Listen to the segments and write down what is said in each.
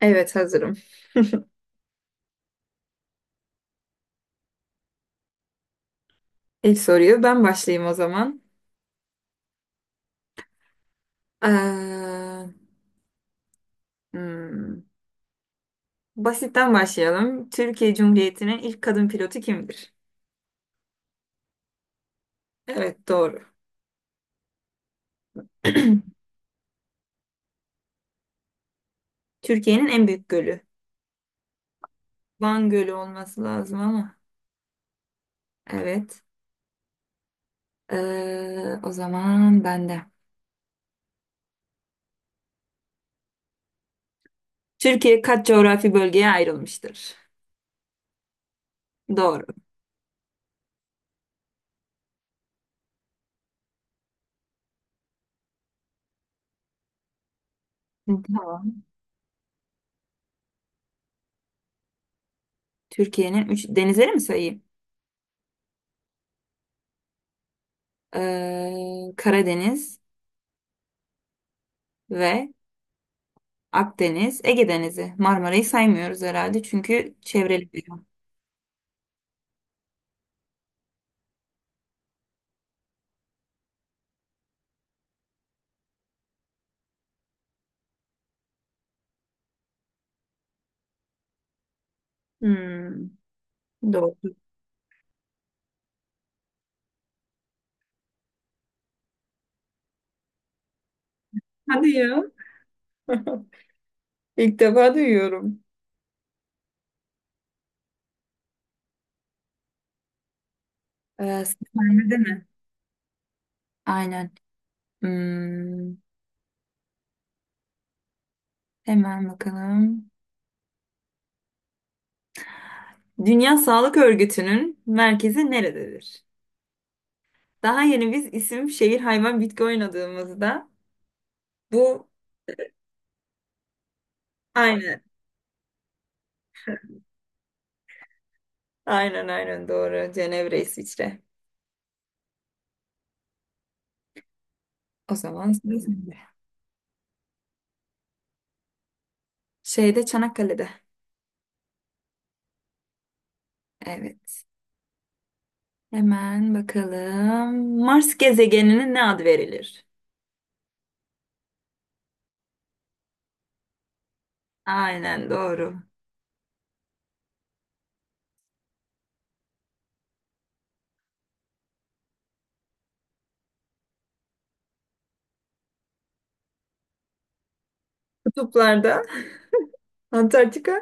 Evet hazırım. İlk soruyu ben başlayayım o zaman. Ee, hmm, Basitten başlayalım. Türkiye Cumhuriyeti'nin ilk kadın pilotu kimdir? Evet doğru. Türkiye'nin en büyük gölü. Van Gölü olması lazım ama. Evet. O zaman ben de. Türkiye kaç coğrafi bölgeye ayrılmıştır? Doğru. Hı. Türkiye'nin üç denizleri mi sayayım? Karadeniz ve Akdeniz, Ege Denizi. Marmara'yı saymıyoruz herhalde çünkü çevreli bir yer. Hmm, doğru. Hadi ya. İlk defa duyuyorum. Ee, Sahnede mi? Aynen. Hmm, hemen bakalım. Dünya Sağlık Örgütü'nün merkezi nerededir? Daha yeni biz isim, şehir, hayvan, bitki oynadığımızda bu aynen. Aynen, aynen, doğru. Cenevre, İsviçre. O zaman sıra sende. Şeyde Çanakkale'de. Evet. Hemen bakalım. Mars gezegenine ne ad verilir? Aynen doğru. Kutuplarda. Antarktika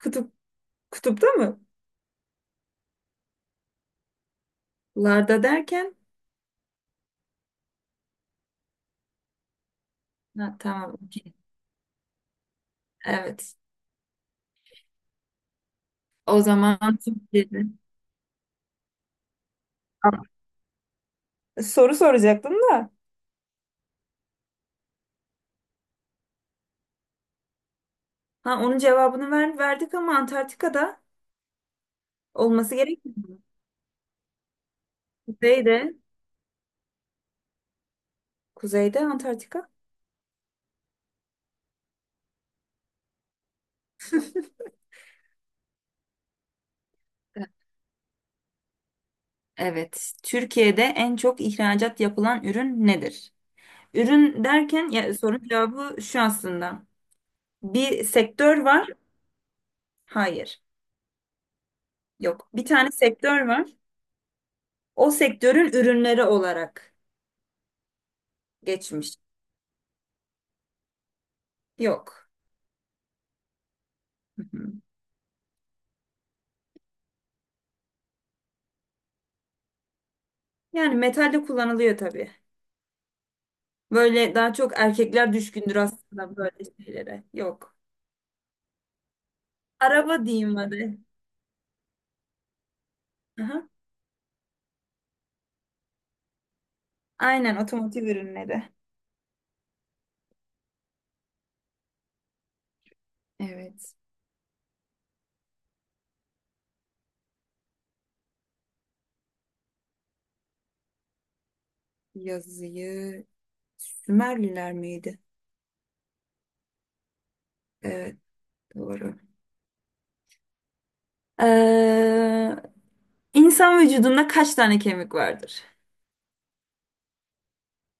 kutup kutupta mı? Larda derken. Ha, tamam. Okey. Evet. O zaman Türkiye'de. Soru soracaktım da. Ha, onun cevabını verdik ama Antarktika'da olması gerekmiyor mu? Kuzeyde. Kuzeyde Antarktika. Evet. Türkiye'de en çok ihracat yapılan ürün nedir? Ürün derken ya, sorun cevabı şu aslında. Bir sektör var. Hayır. Yok. Bir tane sektör var. O sektörün ürünleri olarak geçmiş. Yok. Hı hı. Yani metalde kullanılıyor tabii. Böyle daha çok erkekler düşkündür aslında böyle şeylere. Yok. Araba diyeyim hadi. Aha. Aynen otomotiv ürünleri. Evet. Yazıyı Sümerliler miydi? Evet doğru. Ee, insan vücudunda kaç tane kemik vardır?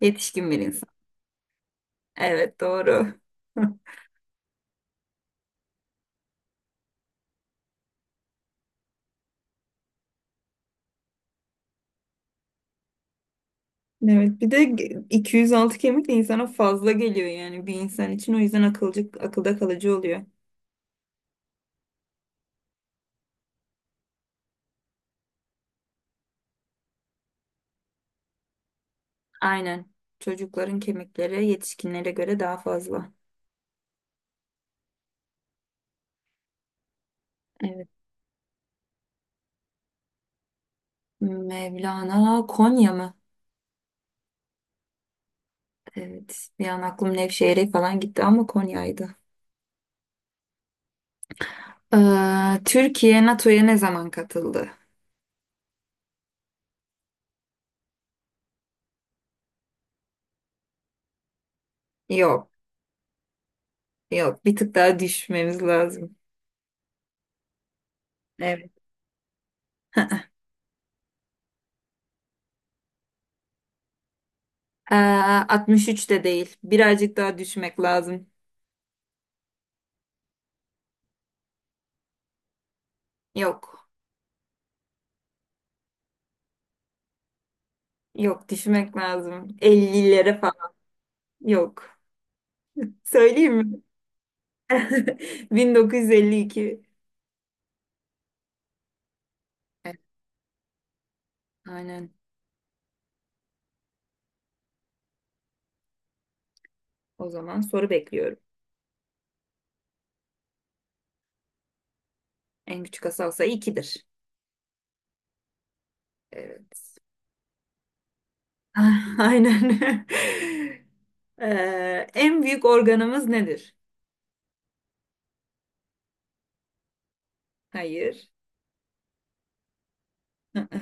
Yetişkin bir insan. Evet doğru. Evet, bir de 206 kemik de insana fazla geliyor yani bir insan için, o yüzden akılda kalıcı oluyor. Aynen. Çocukların kemikleri yetişkinlere göre daha fazla. Evet. Mevlana Konya mı? Evet. Bir an aklım Nevşehir'e falan gitti ama Konya'ydı. Türkiye NATO'ya ne zaman katıldı? Yok. Yok. Bir tık daha düşmemiz lazım. Evet. Ee, 63 de değil. Birazcık daha düşmek lazım. Yok. Yok, düşünmek lazım. 50'lere falan yok. Söyleyeyim mi? 1952. Evet, aynen. O zaman soru bekliyorum. En küçük asal sayı 2'dir. Evet. Aynen. En büyük organımız nedir? Hayır. Hı hı.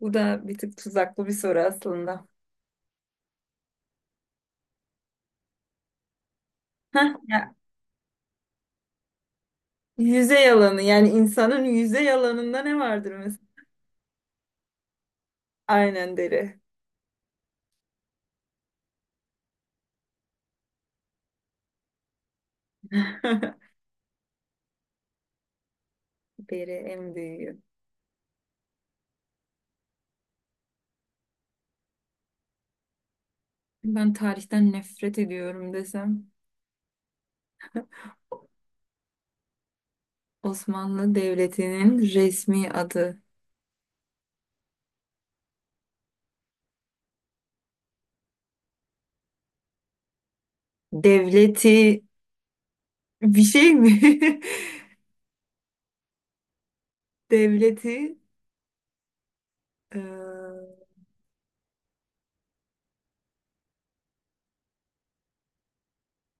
Bu da bir tık tuzaklı bir soru aslında. Hah, ya, yüzey alanı yani insanın yüzey alanında ne vardır mesela? Aynen deri. Deri en büyüğü. Ben tarihten nefret ediyorum desem Osmanlı Devleti'nin resmi adı. Devleti bir şey mi? Devleti eee,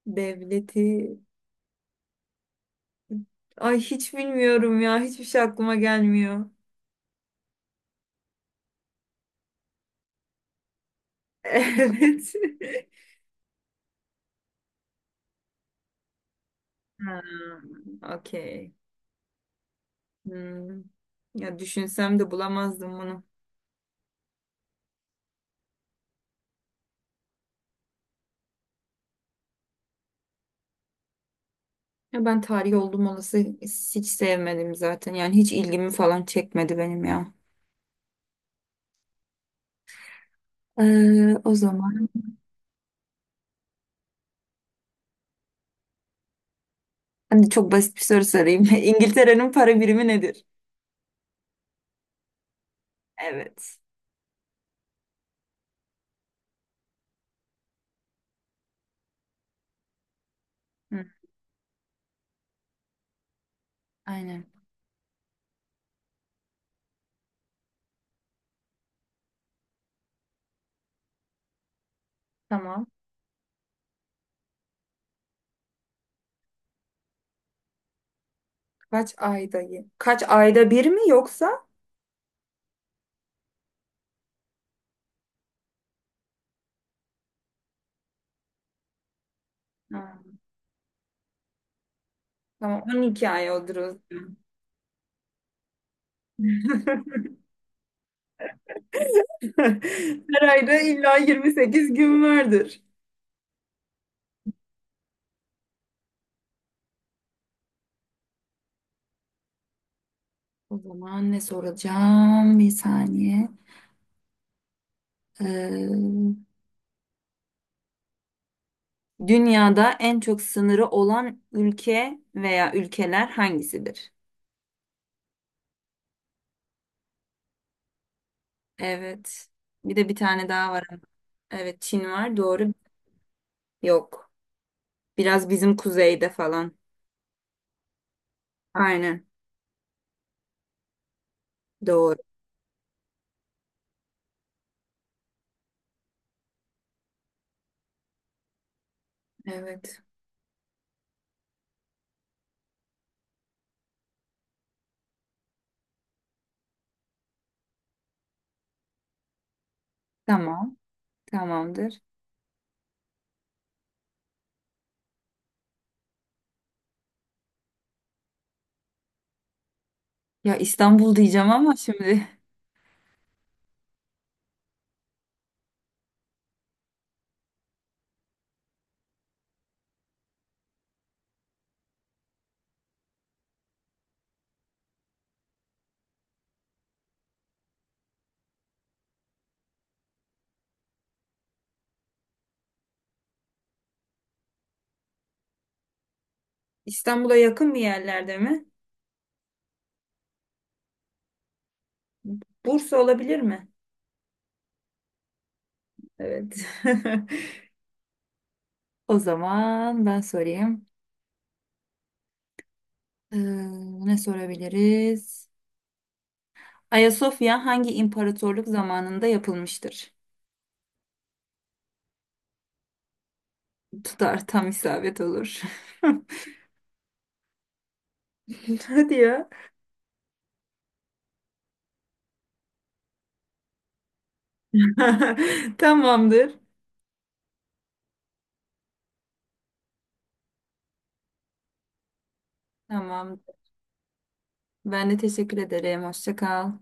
devleti ay hiç bilmiyorum ya, hiçbir şey aklıma gelmiyor. Evet. Ha, okey. Hmm. Ya düşünsem de bulamazdım bunu. Ya ben tarih olduğum olası hiç sevmedim zaten. Yani hiç ilgimi falan çekmedi benim ya. O zaman hani çok basit bir soru sorayım. İngiltere'nin para birimi nedir? Evet. Hı, aynen. Tamam. Kaç ayda? Kaç ayda bir mi yoksa? Ha, tamam. 12 ay olur o zaman. Her ayda illa 28 gün vardır. O zaman ne soracağım? Bir saniye. Ee, Dünyada en çok sınırı olan ülke veya ülkeler hangisidir? Evet. Bir de bir tane daha var. Evet, Çin var. Doğru. Yok. Biraz bizim kuzeyde falan. Aynen. Doğru. Evet. Tamam. Tamamdır. Ya İstanbul diyeceğim ama şimdi. İstanbul'a yakın bir yerlerde mi? Bursa olabilir mi? Evet. O zaman ben sorayım. Ee, Ne sorabiliriz? Ayasofya hangi imparatorluk zamanında yapılmıştır? Tutar, tam isabet olur. Hadi ya. Tamamdır. Tamam. Ben de teşekkür ederim. Hoşça kal.